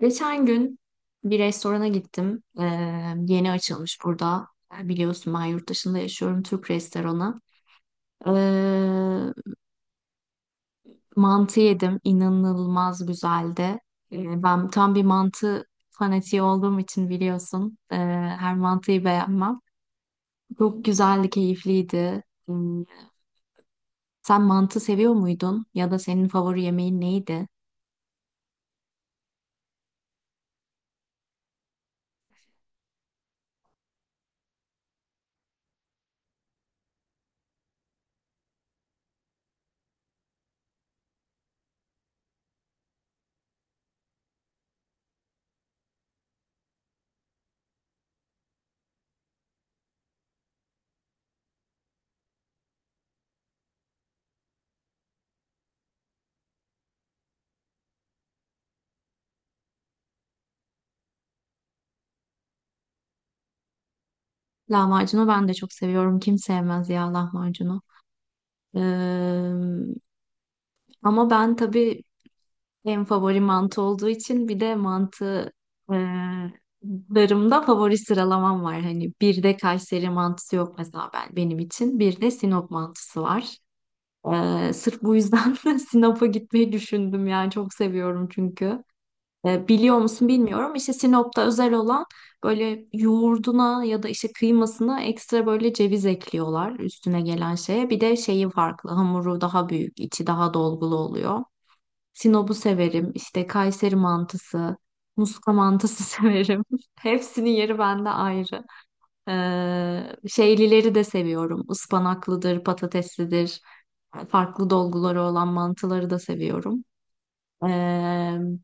Geçen gün bir restorana gittim. Yeni açılmış burada. Biliyorsun ben yurt dışında yaşıyorum. Türk restoranı. Ee, Mantı yedim. İnanılmaz güzeldi. Ben tam bir mantı fanatiği olduğum için biliyorsun. Her mantıyı beğenmem. Çok güzeldi, keyifliydi. Hmm. Sen mantı seviyor muydun? Ya da senin favori yemeğin neydi? Lahmacunu ben de çok seviyorum. Kim sevmez ya lahmacunu? Ee, Ama ben tabii en favori mantı olduğu için bir de mantı e, larımda favori sıralamam var. Hani bir de Kayseri mantısı yok mesela benim için. Bir de Sinop mantısı var. Sırf bu yüzden Sinop'a gitmeyi düşündüm yani çok seviyorum çünkü. Biliyor musun bilmiyorum. İşte Sinop'ta özel olan böyle yoğurduna ya da işte kıymasına ekstra böyle ceviz ekliyorlar üstüne gelen şeye. Bir de şeyi farklı, hamuru daha büyük, içi daha dolgulu oluyor. Sinop'u severim. İşte Kayseri mantısı, Muska mantısı severim. Hepsinin yeri bende ayrı. Şeylileri de seviyorum. Ispanaklıdır, patateslidir. Farklı dolguları olan mantıları da seviyorum. Ee,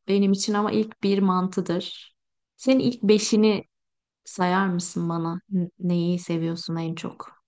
Benim için ama ilk bir mantıdır. Senin ilk beşini sayar mısın bana? Neyi seviyorsun en çok?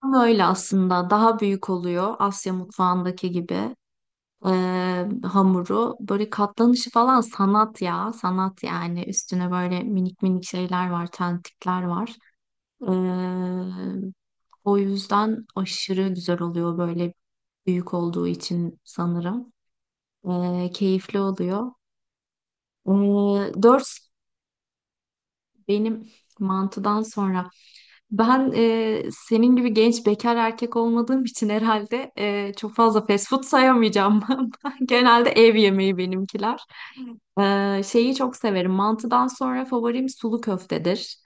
Ama öyle aslında. Daha büyük oluyor, Asya mutfağındaki gibi. e, Hamuru, böyle katlanışı falan sanat ya. Sanat yani. Üstüne böyle minik minik şeyler var. Tentikler var. E, O yüzden aşırı güzel oluyor, böyle büyük olduğu için sanırım. Keyifli oluyor. E, Dört, benim mantıdan sonra, ben senin gibi genç bekar erkek olmadığım için herhalde çok fazla fast food sayamayacağım. Ben genelde ev yemeği benimkiler. Şeyi çok severim. Mantıdan sonra favorim sulu köftedir.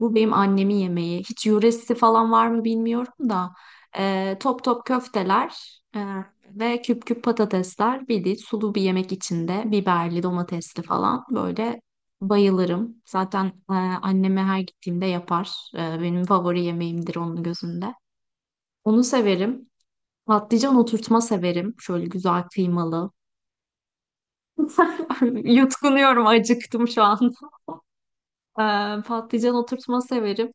Bu benim annemin yemeği. Hiç yöresi falan var mı bilmiyorum da, top top köfteler ve küp küp patatesler. Bir de sulu bir yemek içinde. Biberli, domatesli falan. Böyle bayılırım. Zaten anneme her gittiğimde yapar. Benim favori yemeğimdir onun gözünde. Onu severim. Patlıcan oturtma severim. Şöyle güzel kıymalı. Yutkunuyorum, acıktım şu an. Patlıcan oturtma severim.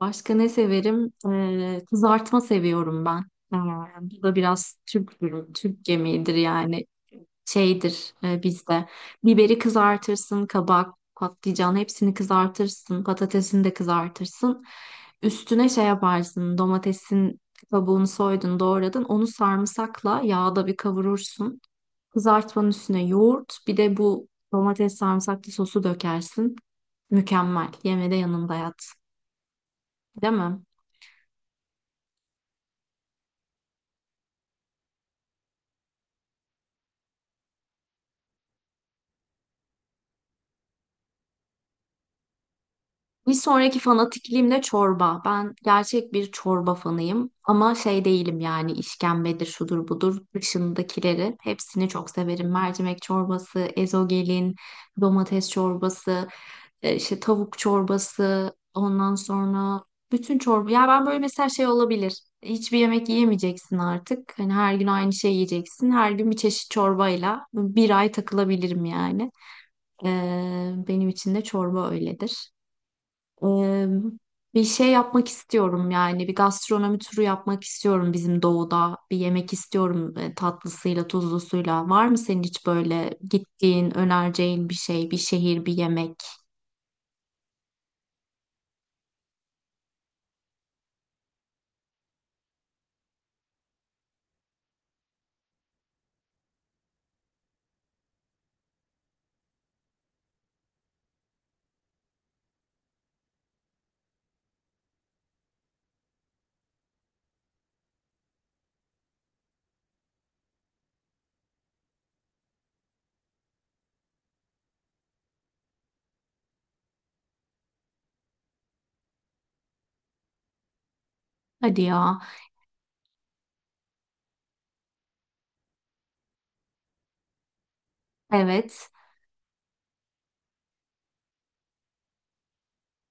Başka ne severim? Kızartma seviyorum ben. Ee, Bu da biraz Türk yemeğidir yani şeydir bizde. Biberi kızartırsın, kabak, patlıcan hepsini kızartırsın, patatesini de kızartırsın. Üstüne şey yaparsın, domatesin kabuğunu soydun, doğradın. Onu sarımsakla yağda bir kavurursun. Kızartmanın üstüne yoğurt, bir de bu domates sarımsaklı sosu dökersin. Mükemmel. Yemede de yanında yat. Değil mi? Bir sonraki fanatikliğim de çorba. Ben gerçek bir çorba fanıyım ama şey değilim yani, işkembedir, şudur budur, dışındakileri hepsini çok severim. Mercimek çorbası, ezogelin, domates çorbası, işte tavuk çorbası, ondan sonra bütün çorba. Ya ben böyle mesela şey olabilir. Hiçbir yemek yiyemeyeceksin artık, hani her gün aynı şey yiyeceksin. Her gün bir çeşit çorbayla bir ay takılabilirim yani. Benim için de çorba öyledir. Ee, Bir şey yapmak istiyorum yani, bir gastronomi turu yapmak istiyorum bizim doğuda, bir yemek istiyorum tatlısıyla tuzlusuyla. Var mı senin hiç böyle gittiğin, önereceğin bir şey, bir şehir, bir yemek? Hadi ya. Evet.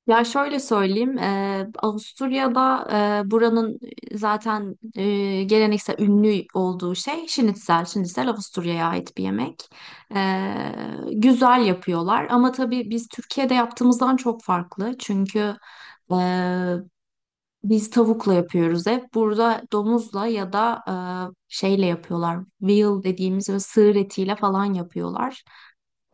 Ya şöyle söyleyeyim, Avusturya'da buranın zaten geleneksel ünlü olduğu şey şinitzel. Şinitzel Avusturya'ya ait bir yemek. Eee, Güzel yapıyorlar ama tabii biz Türkiye'de yaptığımızdan çok farklı. Çünkü eee, biz tavukla yapıyoruz hep. Burada domuzla ya da şeyle yapıyorlar. Veal dediğimiz ve sığır etiyle falan yapıyorlar.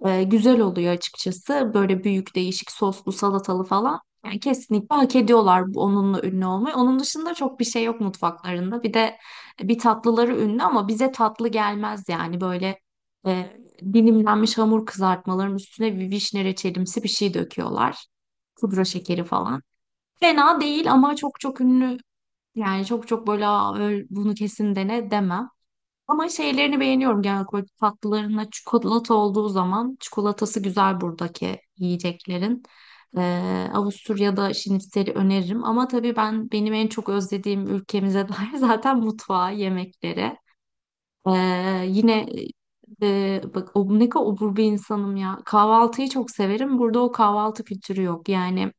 Güzel oluyor açıkçası. Böyle büyük, değişik soslu, salatalı falan. Yani kesinlikle hak ediyorlar onunla ünlü olmayı. Onun dışında çok bir şey yok mutfaklarında. Bir de bir tatlıları ünlü ama bize tatlı gelmez yani. Böyle e, dilimlenmiş hamur kızartmaların üstüne bir vişne reçelimsi bir şey döküyorlar. Pudra şekeri falan. Fena değil ama çok çok ünlü. Yani çok çok böyle "Aa, bunu kesin dene" demem. Ama şeylerini beğeniyorum genel olarak, tatlılarına çikolata olduğu zaman çikolatası güzel buradaki yiyeceklerin. Avusturya'da şinitzel'i öneririm ama tabii benim en çok özlediğim ülkemize dair zaten mutfağı, yemekleri. Yine bak, o, ne kadar obur bir insanım ya. Kahvaltıyı çok severim. Burada o kahvaltı kültürü yok. Yani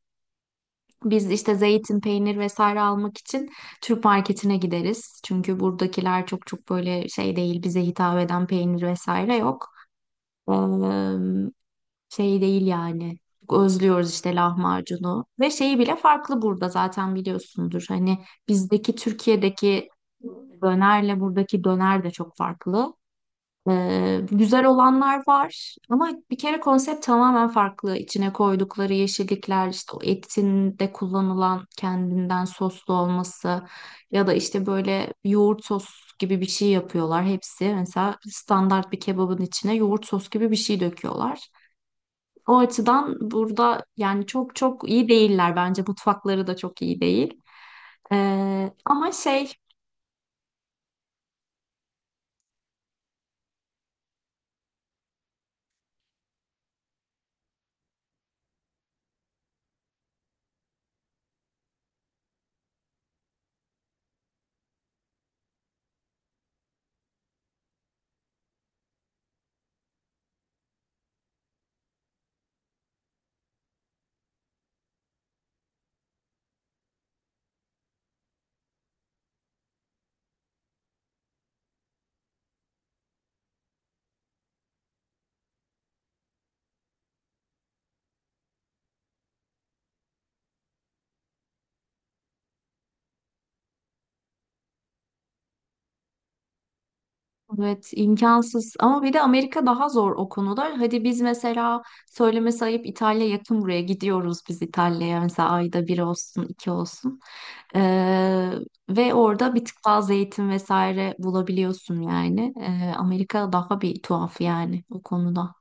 biz işte zeytin, peynir vesaire almak için Türk marketine gideriz. Çünkü buradakiler çok çok böyle şey değil, bize hitap eden peynir vesaire yok. Ee, Şey değil yani. Çok özlüyoruz işte lahmacunu. Ve şeyi bile farklı burada, zaten biliyorsundur. Hani Türkiye'deki dönerle buradaki döner de çok farklı. Güzel olanlar var ama bir kere konsept tamamen farklı. İçine koydukları yeşillikler, işte o etinde kullanılan kendinden soslu olması ya da işte böyle yoğurt sos gibi bir şey yapıyorlar. Hepsi mesela standart bir kebabın içine yoğurt sos gibi bir şey döküyorlar. O açıdan burada yani çok çok iyi değiller bence. Mutfakları da çok iyi değil. Ama şey Evet, imkansız. Ama bir de Amerika daha zor o konuda. Hadi biz mesela söylemesi ayıp İtalya yakın buraya, gidiyoruz biz İtalya'ya mesela ayda bir olsun, iki olsun. Ee, Ve orada bir tık fazla eğitim vesaire bulabiliyorsun yani. Amerika daha bir tuhaf yani o konuda.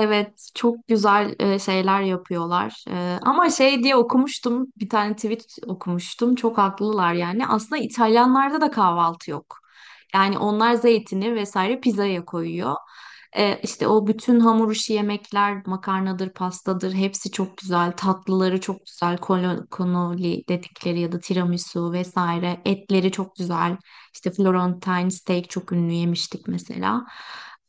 Evet, çok güzel şeyler yapıyorlar. Ama şey diye okumuştum, bir tane tweet okumuştum. Çok haklılar yani. Aslında İtalyanlarda da kahvaltı yok. Yani onlar zeytini vesaire pizzaya koyuyor. İşte o bütün hamur işi yemekler, makarnadır, pastadır, hepsi çok güzel. Tatlıları çok güzel. Cannoli dedikleri ya da tiramisu vesaire. Etleri çok güzel. İşte Florentine steak çok ünlü, yemiştik mesela.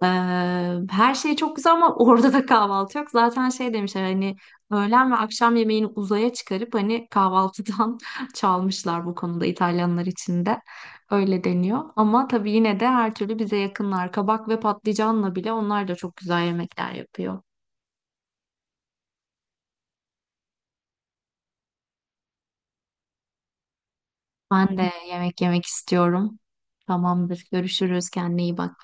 Ee, Her şey çok güzel ama orada da kahvaltı yok. Zaten şey demişler, hani öğlen ve akşam yemeğini uzaya çıkarıp hani kahvaltıdan çalmışlar bu konuda, İtalyanlar için de. Öyle deniyor. Ama tabii yine de her türlü bize yakınlar. Kabak ve patlıcanla bile onlar da çok güzel yemekler yapıyor. Ben de yemek yemek istiyorum. Tamamdır. Görüşürüz. Kendine iyi bak.